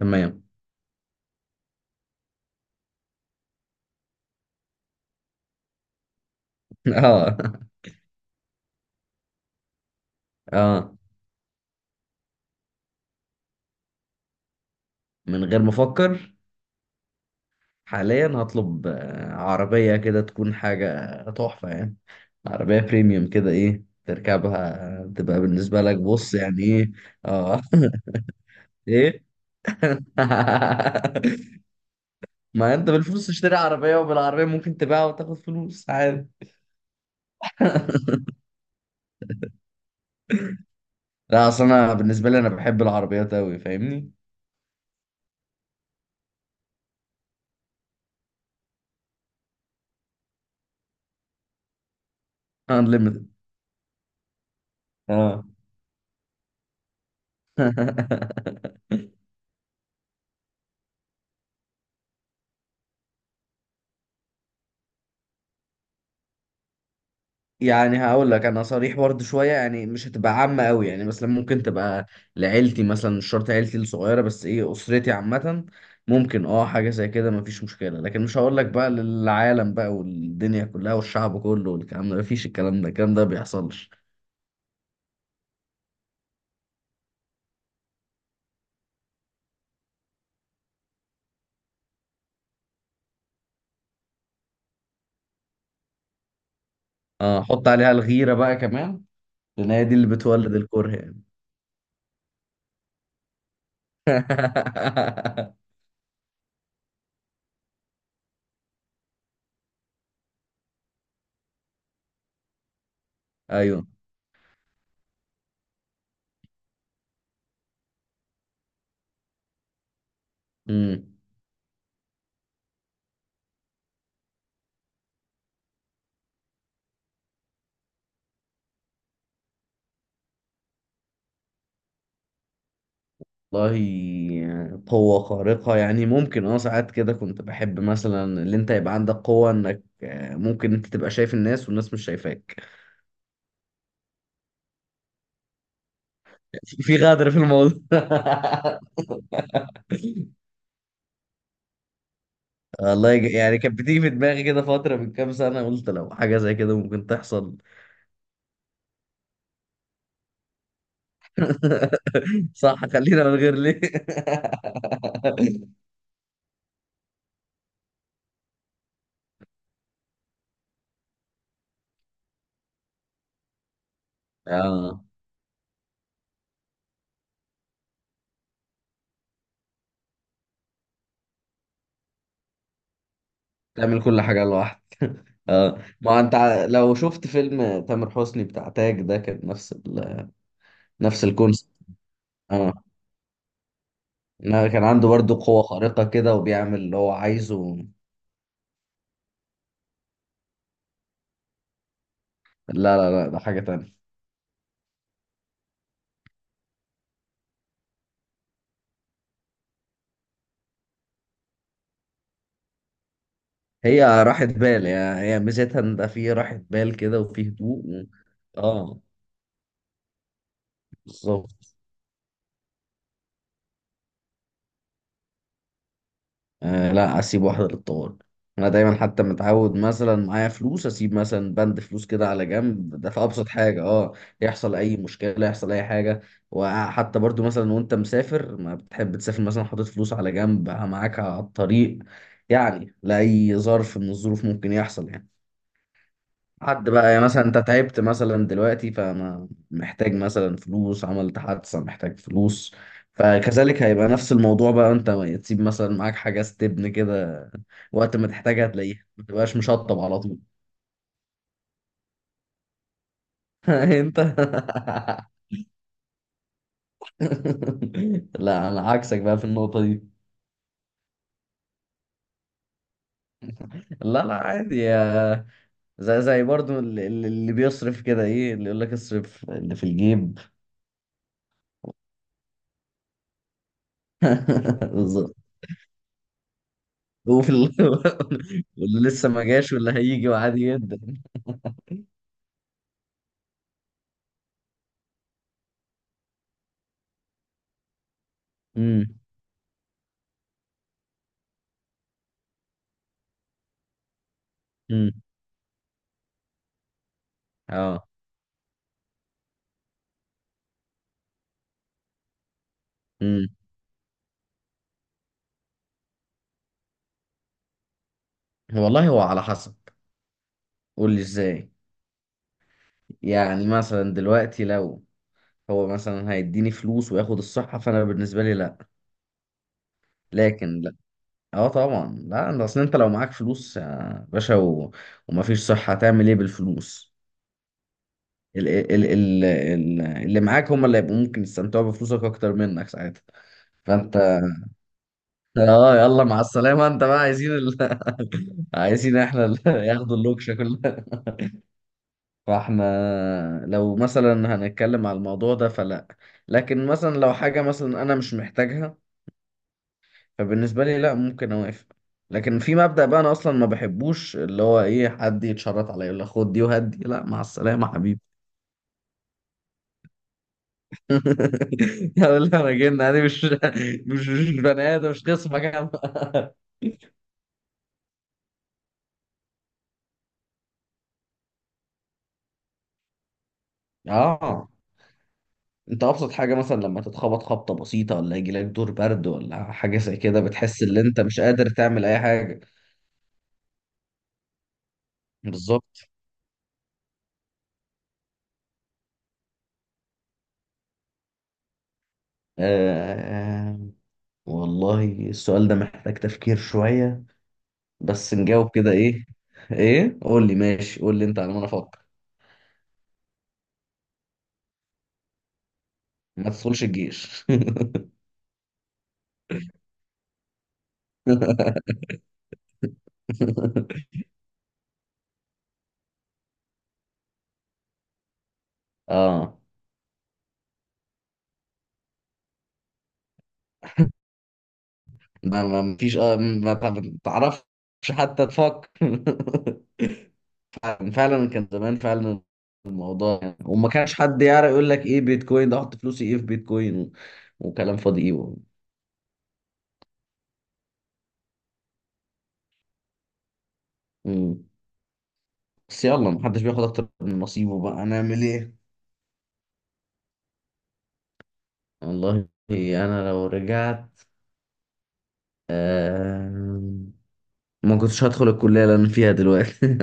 تمام. اه اه من غير ما افكر، حاليا هطلب عربية كده تكون حاجة تحفة يعني. عربية بريميوم كده، ايه تركبها تبقى بالنسبة لك؟ بص يعني ايه. اه. ايه. ما انت بالفلوس تشتري عربية، وبالعربية ممكن تبيعها وتاخد فلوس عادي. لا، اصل انا بالنسبة لي انا بحب العربيات اوي، فاهمني؟ unlimited. اه. يعني هقول لك انا صريح برضه شويه، يعني مش هتبقى عامه قوي. يعني مثلا ممكن تبقى لعيلتي، مثلا مش شرط عيلتي الصغيره بس، ايه، اسرتي عامه. ممكن اه حاجه زي كده مفيش مشكله، لكن مش هقول لك بقى للعالم بقى، والدنيا كلها والشعب كله والكلام ده، مفيش، الكلام ده الكلام ده بيحصلش. اه، حط عليها الغيره بقى كمان، لان هي دي اللي بتولد الكره يعني. ايوه. مم. والله قوة خارقة يعني، ممكن اه ساعات كده كنت بحب مثلا، اللي انت يبقى عندك قوة انك ممكن انت تبقى شايف الناس والناس مش شايفاك. في غدر في الموضوع. والله يعني كانت بتيجي في دماغي كده فترة من كام سنة، قلت لو حاجة زي كده ممكن تحصل. صح، خلينا من غير ليه. اه، تعمل كل حاجة لوحدك. اه، ما انت لو شفت فيلم تامر حسني بتاع تاج ده، كان نفس ال... نفس الكونسيبت. لا، كان عنده برضو قوة خارقة كده وبيعمل اللي هو عايزه. لا، ده حاجة تانية. هي راحة بال يعني، هي ميزتها ان ده فيه راحة بال كده وفيه هدوء و... اه. بالظبط. آه، لا اسيب واحده للطوارئ. انا دايما حتى متعود، مثلا معايا فلوس اسيب مثلا بند فلوس كده على جنب، ده في ابسط حاجه. اه، يحصل اي مشكله، يحصل اي حاجه. وحتى برضو مثلا وانت مسافر، ما بتحب تسافر مثلا حاطط فلوس على جنب معاك على الطريق؟ يعني لاي ظرف من الظروف ممكن يحصل يعني. حد بقى يعني، مثلا انت تعبت مثلا دلوقتي، فما محتاج مثلا فلوس، عملت حادثة محتاج فلوس. فكذلك هيبقى نفس الموضوع بقى. انت تسيب مثلا معاك حاجة استبن كده، وقت ما تحتاجها هتلاقيها، ما تبقاش مشطب على طول. انت. لا، انا عكسك بقى في النقطة دي. لا لا، عادي يا، زي زي برضو اللي بيصرف كده، ايه اللي يقول لك اصرف اللي في الجيب. بالظبط. وفي ال... واللي لسه ما جاش واللي هيجي، وعادي جدا. امم. امم. اه. امم. والله هو على حسب. قول لي ازاي. يعني مثلا دلوقتي لو هو مثلا هيديني فلوس وياخد الصحة، فانا بالنسبة لي لا. لكن لا، اه طبعا لا. ده اصل انت لو معاك فلوس يا باشا و... ومفيش صحة، هتعمل ايه بالفلوس؟ اللي معاك هم اللي هيبقوا ممكن يستمتعوا بفلوسك اكتر منك ساعتها. فانت، اه يلا مع السلامة، انت بقى عايزين ال... عايزين احنا ال... ياخدوا اللوكشة كلها. فاحنا لو مثلا هنتكلم على الموضوع ده، فلا. لكن مثلا لو حاجة مثلا انا مش محتاجها، فبالنسبة لي لا ممكن اوافق. لكن في مبدأ بقى، انا اصلا ما بحبوش اللي هو ايه، حد يتشرط عليا يقول لي خد دي وهات دي، لا، مع السلامة حبيبي. يلا انا جن، انا مش مش بني ادم، مش خصمك انا. اه، انت ابسط حاجه مثلا لما تتخبط خبطه بسيطه، ولا يجي لك دور برد ولا حاجه زي كده، بتحس ان انت مش قادر تعمل اي حاجه. بالظبط. آه. والله السؤال ده محتاج تفكير شويه. بس نجاوب كده ايه، ايه قول لي ماشي، قول لي انت على ما انا افكر. ما تدخلش الجيش. اه، ما فيش، اه ما تعرفش حتى تفكر. كان فعلا، كان زمان فعلا الموضوع يعني، وما كانش حد يعرف يقول لك ايه بيتكوين ده، احط فلوسي ايه في بيتكوين و... وكلام فاضي ايه و... مم. بس يلا محدش بياخد اكتر من نصيبه بقى، هنعمل ايه. والله انا لو رجعت، آم، ما كنتش هدخل الكلية اللي انا فيها دلوقتي.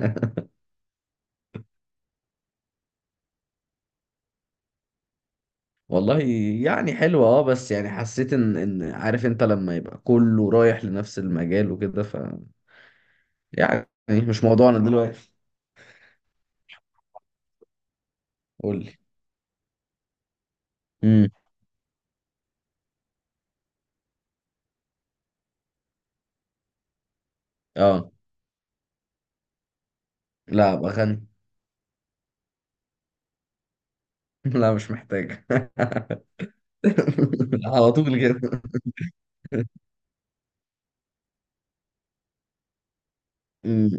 والله يعني حلوة اه، بس يعني حسيت ان ان عارف انت لما يبقى كله رايح لنفس المجال وكده، ف يعني مش موضوعنا دلوقتي. قول لي. امم. اه، لا ابقى غني. لا مش محتاج. على طول كده. مم.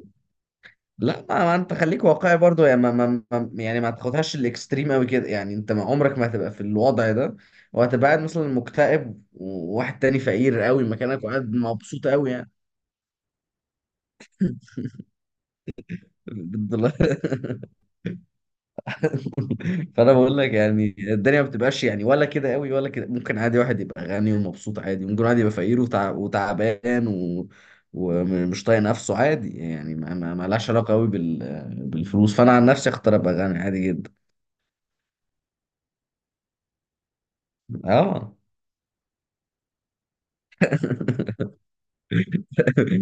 لا ما انت خليك واقعي برضو، يعني ما يعني ما تاخدهاش الاكستريم قوي كده. يعني انت ما عمرك ما هتبقى في الوضع ده، وهتبقى قاعد مثلا مكتئب، وواحد تاني فقير قوي مكانك وقاعد مبسوط قوي يعني. بالدولار. فانا بقول لك يعني الدنيا ما بتبقاش يعني ولا كده قوي ولا كده. ممكن عادي واحد يبقى غني ومبسوط، عادي ممكن واحد يبقى فقير وتع... وتعبان و... ومش طايق نفسه عادي. يعني ما لهاش علاقه قوي بال... بالفلوس. فانا عن نفسي اختار ابقى غني، عادي جدا. اه.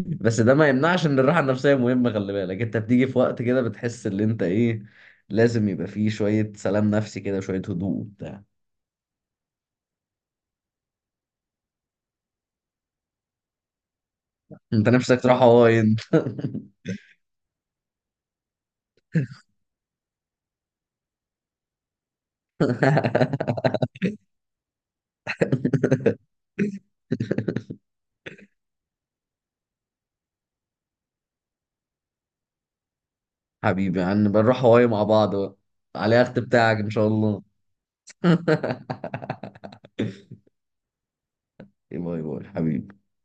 بس ده ما يمنعش ان الراحه النفسيه مهمه، خلي بالك، انت بتيجي في وقت كده بتحس ان انت ايه، لازم يبقى فيه شويه سلام نفسي كده، شويه هدوء وبتاع. انت نفسك تروح هواي انت. حبيبي يعني نبقى نروح هواي مع بعض بقى، على اليخت بتاعك ان شاء الله. باي باي حبيبي.